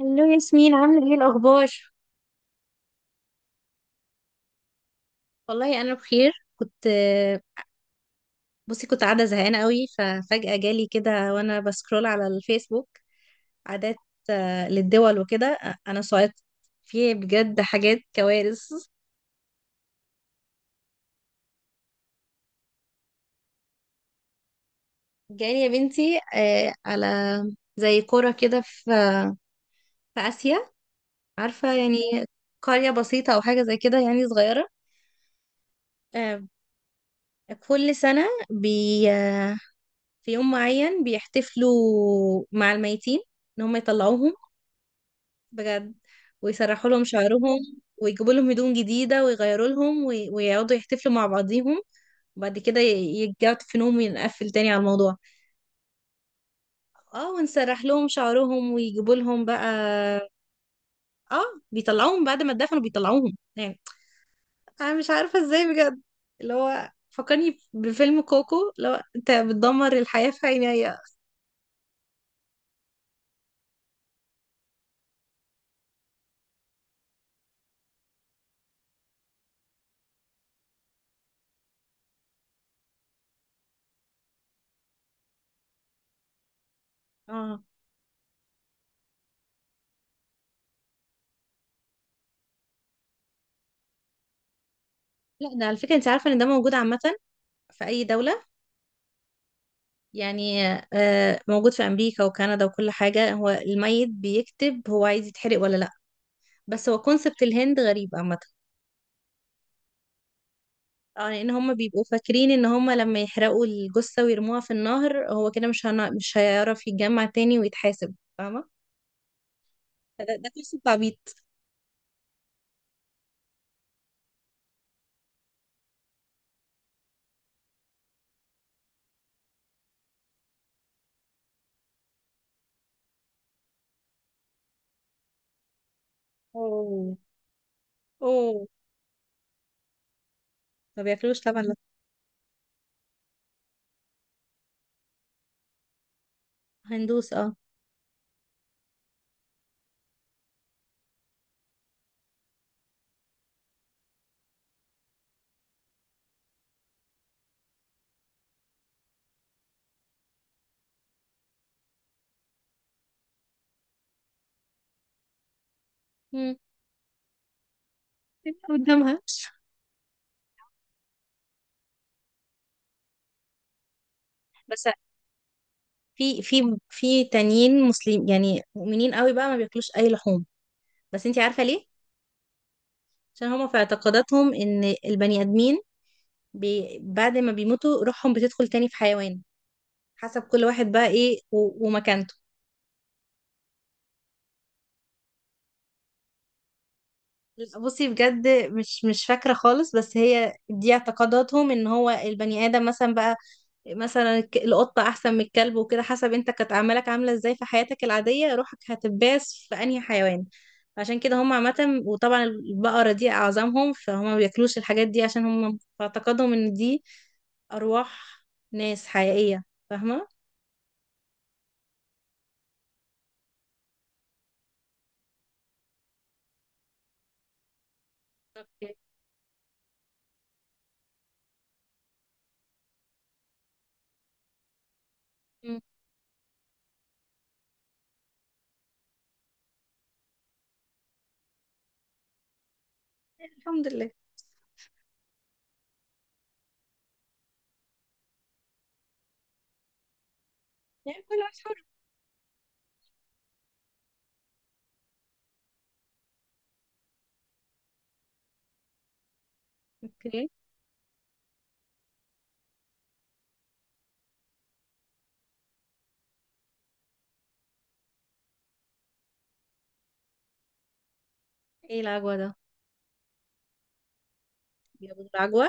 هلو ياسمين، عاملة ايه الأخبار؟ والله أنا بخير. كنت بصي، كنت قاعدة زهقانة قوي، ففجأة جالي كده وأنا بسكرول على الفيسبوك عادات. للدول وكده. أنا صايت، في بجد حاجات كوارث. جالي يا بنتي، على زي قرى كده في في آسيا، عارفة يعني؟ قرية بسيطة أو حاجة زي كده يعني، صغيرة. آه، كل سنة بي آه، في يوم معين بيحتفلوا مع الميتين، إن هم يطلعوهم. بجد. ويسرحوا لهم شعرهم، ويجيبوا لهم هدوم جديدة، ويغيروا لهم، ويقعدوا يحتفلوا مع بعضيهم، وبعد كده يرجعوا تفنهم، ونقفل تاني على الموضوع. اه، ونسرح لهم شعرهم ويجيبوا لهم بقى. اه. بيطلعوهم بعد ما اتدفنوا، بيطلعوهم يعني. انا مش عارفة ازاي بجد. اللي هو فكرني بفيلم كوكو، اللي هو انت بتدمر الحياة في عينيا. اه. لا ده على فكرة، انت عارفة ان ده موجود عامة في اي دولة، يعني موجود في أمريكا وكندا وكل حاجة. هو الميت بيكتب هو عايز يتحرق ولا لأ. بس هو كونسبت الهند غريب عامة. اه، لأن هم بيبقوا فاكرين إن هم لما يحرقوا الجثة ويرموها في النهر، هو كده مش هيعرف يتجمع تاني ويتحاسب، فاهمة؟ فده كونسبت عبيط. اوه. اوه. ما بياكلوش طبعا، لا. هندوس، اه. مم. تبقى قدامها. بس في في تانيين مسلم، يعني مؤمنين قوي بقى، ما بياكلوش اي لحوم. بس انتي عارفه ليه؟ عشان هما في اعتقاداتهم ان البني ادمين بعد ما بيموتوا روحهم بتدخل تاني في حيوان، حسب كل واحد بقى ايه ومكانته. بصي بجد، مش فاكرة خالص، بس هي دي اعتقاداتهم، ان هو البني ادم مثلا بقى، مثلا القطة احسن من الكلب وكده، حسب انت كانت اعمالك عاملة ازاي في حياتك العادية، روحك هتباس في انهي حيوان. عشان كده هم عامة، وطبعا البقرة دي أعظمهم، فهم ما بياكلوش الحاجات دي، عشان هم في اعتقادهم إن دي أرواح ناس حقيقية، فاهمة؟ اوكي. مم. الحمد لله. يعني كل واحد حر. اوكي. ايه العجوة ده؟ جابوا العجوة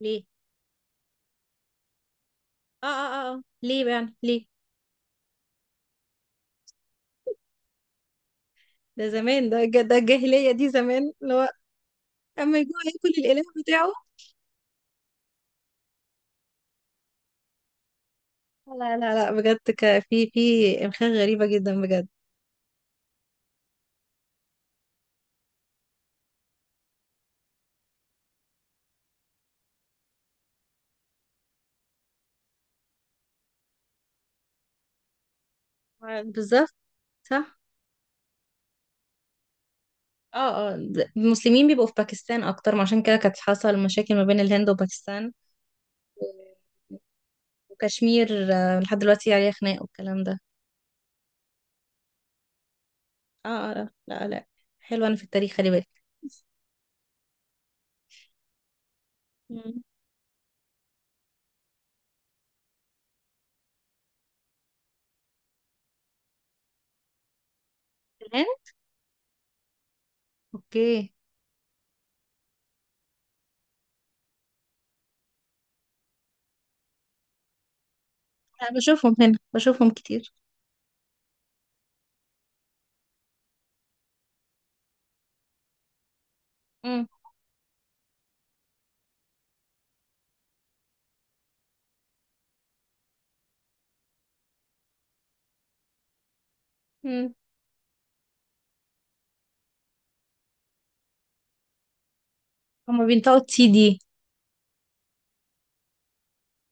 ليه؟ اه اه اه. ليه بقى يعني، ليه؟ ده زمان، ده الجاهلية دي، زمان اللي هو اما يجوع ياكل الإله بتاعه. لا لا لا، بجد، في إمخاء غريبة جدا بجد. بالظبط، صح. اه اه، المسلمين بيبقوا في باكستان اكتر، ما عشان كده كانت حصل مشاكل ما بين الهند وباكستان و- وكشمير، لحد دلوقتي عليها خناق والكلام ده. اه اه، لا لا لا. حلوة، انا في التاريخ خلي بالك. مم. كمان. اوكي. انا بشوفهم هنا، بشوفهم كتير. مم. مم. هما بينطقوا تي دي.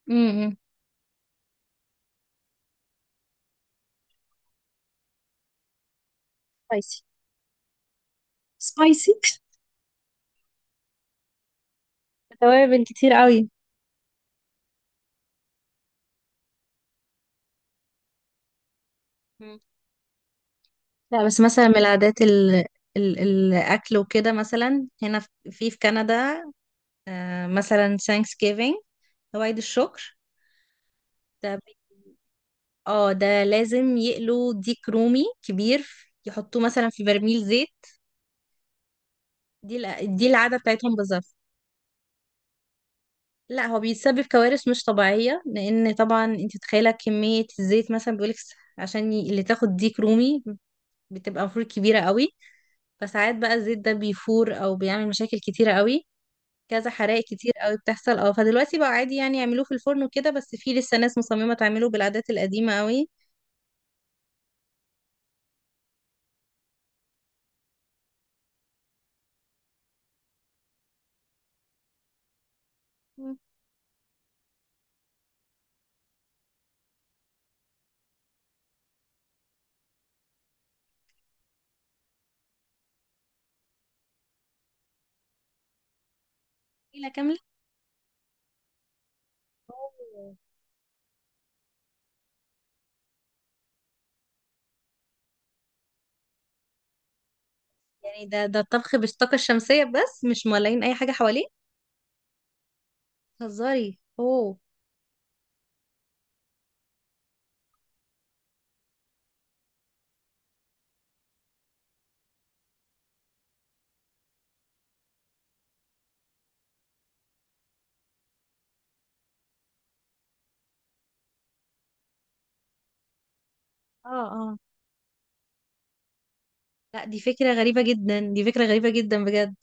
مم. سبايسي. سبايسي توابل كتير قوي. مم. لا، بس مثلا من العادات الاكل وكده، مثلا هنا في في كندا، آه مثلا ثانكس جيفينج، او عيد الشكر. ده بي... اه، ده لازم يقلوا ديك رومي كبير، يحطوه مثلا في برميل زيت. دي العادة بتاعتهم بالظبط. لا، هو بيتسبب كوارث مش طبيعية، لأن طبعا انت متخيلة كمية الزيت. مثلا بيقولك عشان اللي تاخد ديك رومي بتبقى المفروض كبيرة قوي، فساعات بقى الزيت ده بيفور أو بيعمل مشاكل كتيرة قوي. كذا حرائق كتير قوي بتحصل، اه. فدلوقتي بقى عادي، يعني يعملوه في الفرن وكده، بس في لسه ناس مصممة تعمله بالعادات القديمة قوي. ليلة كاملة. أوه. يعني ده الطبخ بالطاقة الشمسية، بس مش مولعين أي حاجة حواليه. هزاري، اوه. اه اه. لا، دي فكرة غريبة جدا، دي فكرة غريبة جدا بجد.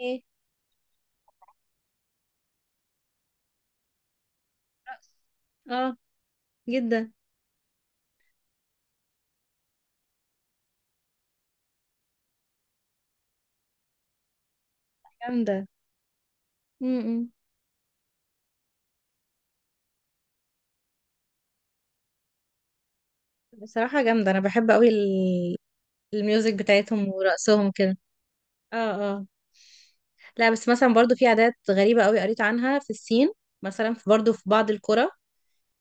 ايه. رقص. اه. جدا. جامدة. امم. بصراحة جامدة، أنا بحب أوي الميوزك بتاعتهم ورقصهم كده. اه. اه. لا، بس مثلا برضو في عادات غريبة أوي قريت عنها في الصين، مثلا في برضو في بعض القرى،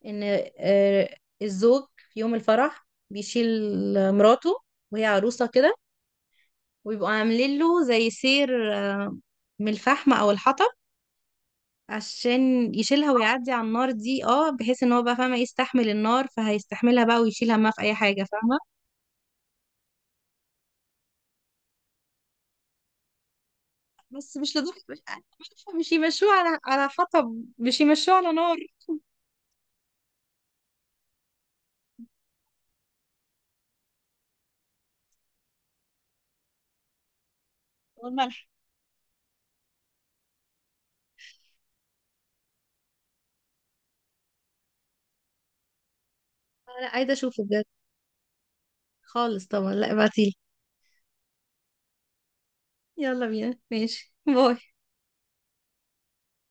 إن آه، الزوج في يوم الفرح بيشيل مراته، وهي عروسة كده، ويبقوا عاملين له زي سير، آه، من الفحم أو الحطب، عشان يشيلها ويعدي على النار دي، اه، بحيث ان هو بقى فاهمه يستحمل النار، فهيستحملها بقى ويشيلها، ما في اي حاجه، فاهمه؟ بس مش لدرجه، مش يمشوه على حطب، مش يمشوه على نار. والملح. لا، عايزه اشوفه بجد. خالص، طبعا، لا ابعتيلي. يلا بينا، ماشي، باي.